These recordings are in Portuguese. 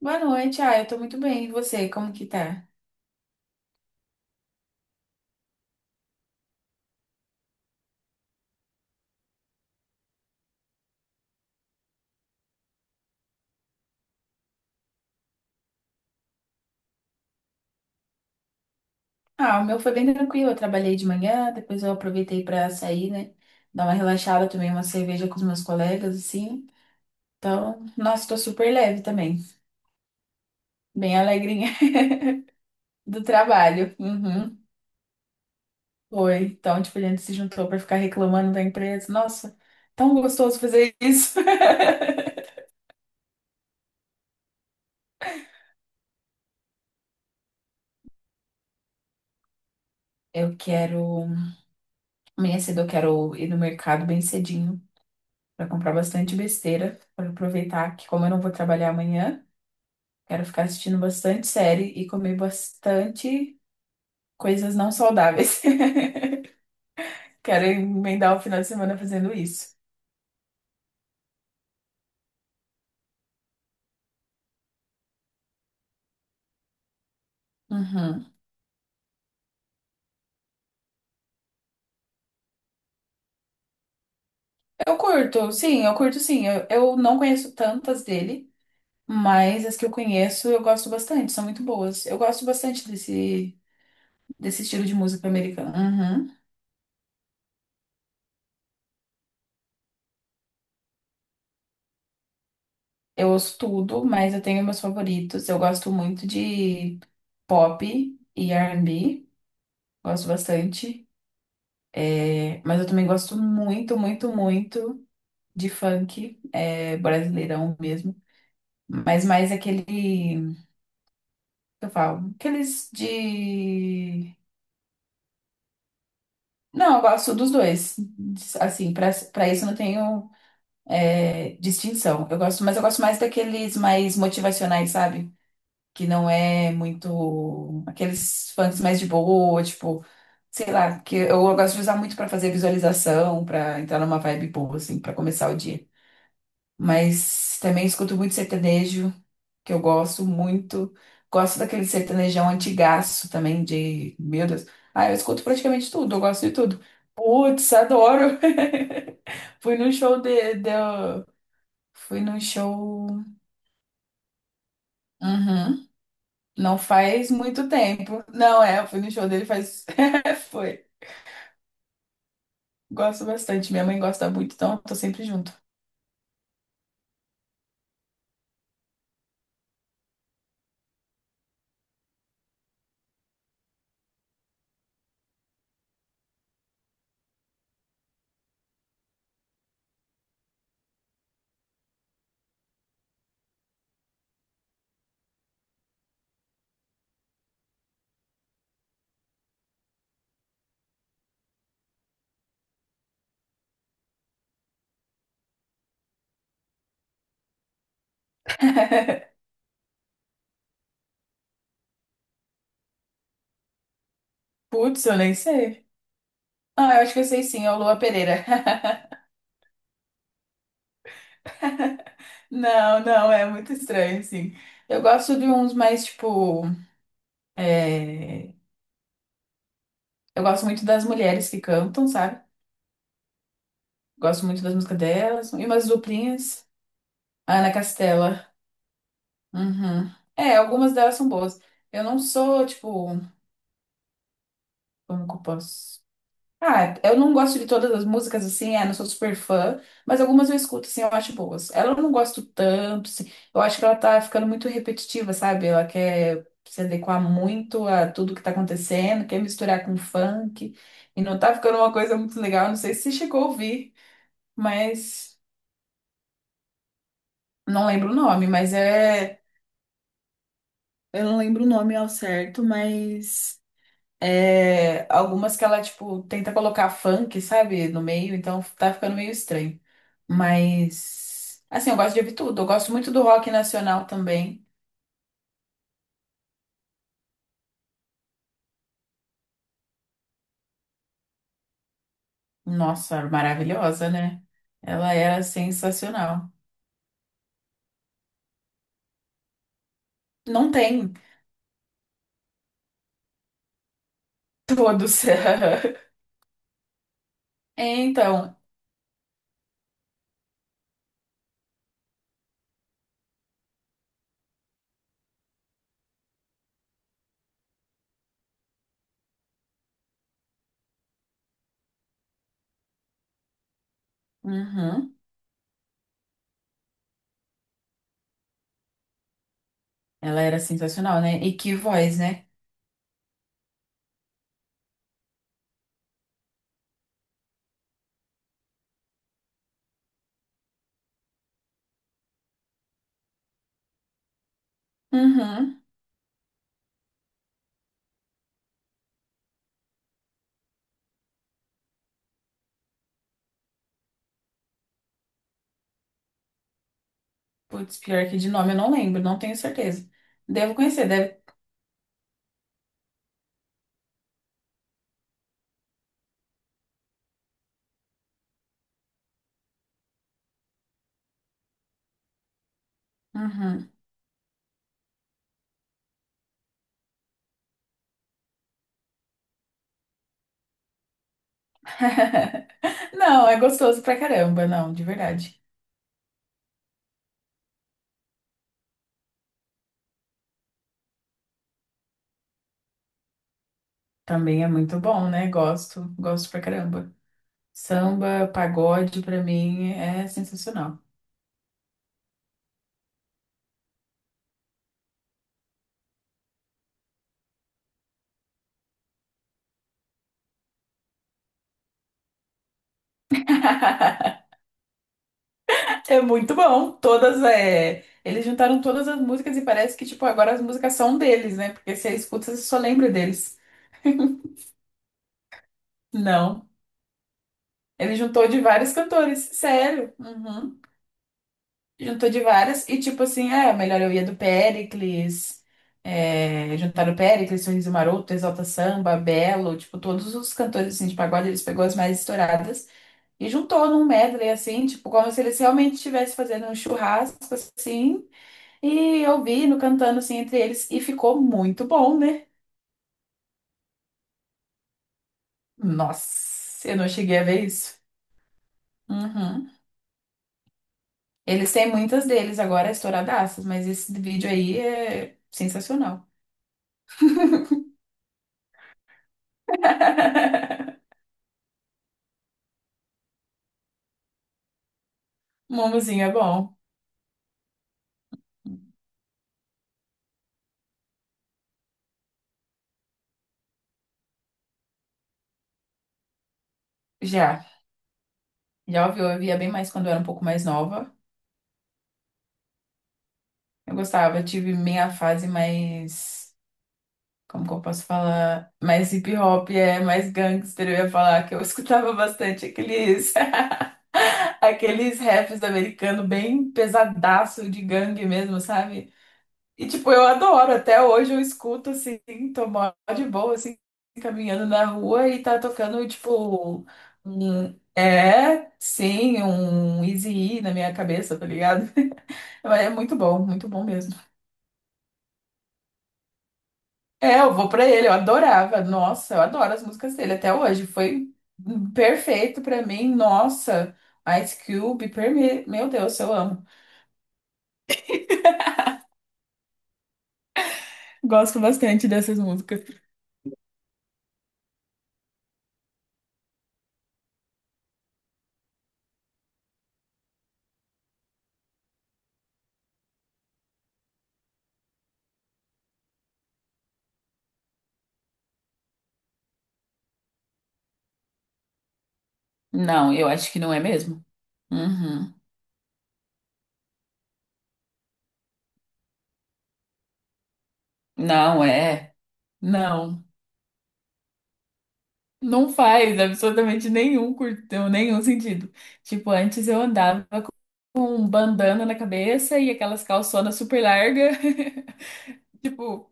Boa noite, eu tô muito bem. E você, como que tá? Ah, o meu foi bem tranquilo. Eu trabalhei de manhã, depois eu aproveitei pra sair, né? Dar uma relaxada, tomei uma cerveja com os meus colegas, assim. Então, nossa, tô super leve também. Bem alegrinha do trabalho. Uhum, foi. Então, tipo, a gente se juntou pra ficar reclamando da empresa. Nossa, tão gostoso fazer isso. Eu quero. Amanhã cedo eu quero ir no mercado bem cedinho pra comprar bastante besteira, pra aproveitar que, como eu não vou trabalhar amanhã. Quero ficar assistindo bastante série e comer bastante coisas não saudáveis. Quero emendar o final de semana fazendo isso. Uhum. Eu curto, sim, eu curto sim. Eu não conheço tantas dele, mas as que eu conheço eu gosto bastante, são muito boas. Eu gosto bastante desse estilo de música americana. Uhum. Eu ouço tudo, mas eu tenho meus favoritos. Eu gosto muito de pop e R&B, gosto bastante. É, mas eu também gosto muito, muito, muito de funk, é, brasileirão mesmo, mas mais aquele, que eu falo, aqueles de... Não, eu gosto dos dois, assim, pra para isso eu não tenho distinção, eu gosto, mas eu gosto mais daqueles mais motivacionais, sabe? Que não é muito, aqueles funks mais de boa, tipo, sei lá, que eu gosto de usar muito pra fazer visualização, pra entrar numa vibe boa, assim, pra começar o dia. Mas também escuto muito sertanejo, que eu gosto muito. Gosto daquele sertanejão antigaço também, de. Meu Deus. Ah, eu escuto praticamente tudo, eu gosto de tudo. Putz, adoro! Fui no show de... Fui no show. Uhum. Não faz muito tempo. Não, é, eu fui no show dele faz. Foi. Gosto bastante. Minha mãe gosta muito, então eu tô sempre junto. Putz, eu nem sei. Ah, eu acho que eu sei sim, é o Lua Pereira. Não, não, é muito estranho, assim. Eu gosto de uns mais, tipo. é, Eu gosto muito das mulheres que cantam, sabe? Gosto muito das músicas delas. E umas duplinhas. Ana Castela. Uhum. É, algumas delas são boas. Eu não sou, tipo. Como que eu posso. Ah, eu não gosto de todas as músicas assim, não sou super fã, mas algumas eu escuto assim, eu acho boas. Ela eu não gosto tanto, assim, eu acho que ela tá ficando muito repetitiva, sabe? Ela quer se adequar muito a tudo que tá acontecendo, quer misturar com funk, e não tá ficando uma coisa muito legal. Não sei se você chegou a ouvir, mas não lembro o nome, mas é. Eu não lembro o nome ao certo, mas. Algumas que ela, tipo, tenta colocar funk, sabe, no meio, então tá ficando meio estranho. Mas, assim, eu gosto de ouvir tudo. Eu gosto muito do rock nacional também. Nossa, maravilhosa, né? Ela era sensacional. Não tem todos. É, então, uhum. Ela era sensacional, né? E que voz, né? Uhum. Putz, pior que de nome eu não lembro, não tenho certeza. Devo conhecer, deve. Uhum. Não, é gostoso pra caramba, não, de verdade. Também é muito bom, né? Gosto, gosto pra caramba. Samba, pagode, pra mim é sensacional. É muito bom. Todas é. Eles juntaram todas as músicas e parece que, tipo, agora as músicas são deles, né? Porque você escuta, você só lembra deles. Não. Ele juntou de vários cantores. Sério. Uhum. Juntou de várias. E, tipo assim, Melhor Eu Ia do Péricles. É, juntaram o Péricles, Sorriso Maroto, Exalta Samba, Belo. Tipo, todos os cantores, assim, de pagode, eles pegou as mais estouradas. E juntou num medley, assim, tipo, como se eles realmente estivessem fazendo um churrasco, assim, e ouvindo, cantando, assim, entre eles, e ficou muito bom, né? Nossa, eu não cheguei a ver isso. Uhum. Eles têm muitas deles agora estouradaças, mas esse vídeo aí é sensacional. Mumuzinho é bom. Já, já ouviu, eu via bem mais quando eu era um pouco mais nova. Eu gostava, eu tive minha fase mais. Como que eu posso falar? Mais hip hop, é mais gangster. Eu ia falar que eu escutava bastante aqueles, aqueles raps americanos bem pesadaço de gangue mesmo, sabe? E tipo, eu adoro. Até hoje eu escuto assim, tô mó de boa, assim, caminhando na rua e tá tocando, tipo, É, sim, um Eazy-E na minha cabeça, tá ligado? Mas é muito bom mesmo. É, eu vou pra ele, eu adorava. Nossa, eu adoro as músicas dele até hoje. Foi perfeito pra mim. Nossa, Ice Cube, perme... meu Deus, eu amo. Gosto bastante dessas músicas. Não, eu acho que não é mesmo. Uhum. Não é. Não. Não faz absolutamente nenhum curtão, nenhum sentido. Tipo, antes eu andava com um bandana na cabeça e aquelas calçonas super largas. Tipo,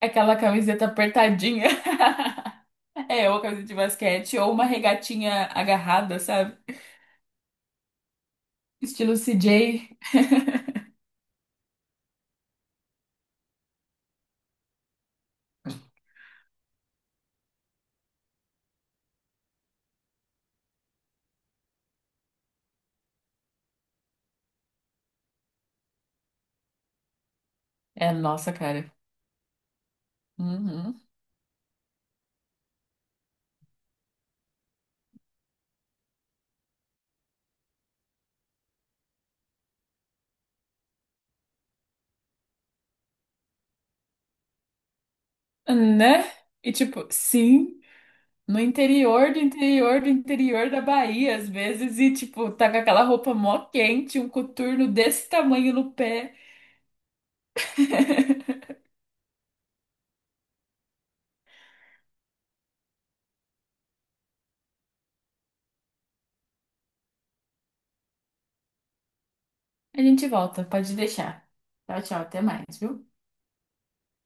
aquela camiseta apertadinha. É, ou a camisa de basquete, ou uma regatinha agarrada, sabe? Estilo C J. É, nossa, cara. Uhum. Né? E tipo, sim, no interior do interior do interior da Bahia, às vezes, e tipo, tá com aquela roupa mó quente, um coturno desse tamanho no pé. A gente volta, pode deixar. Tchau, tchau, até mais, viu?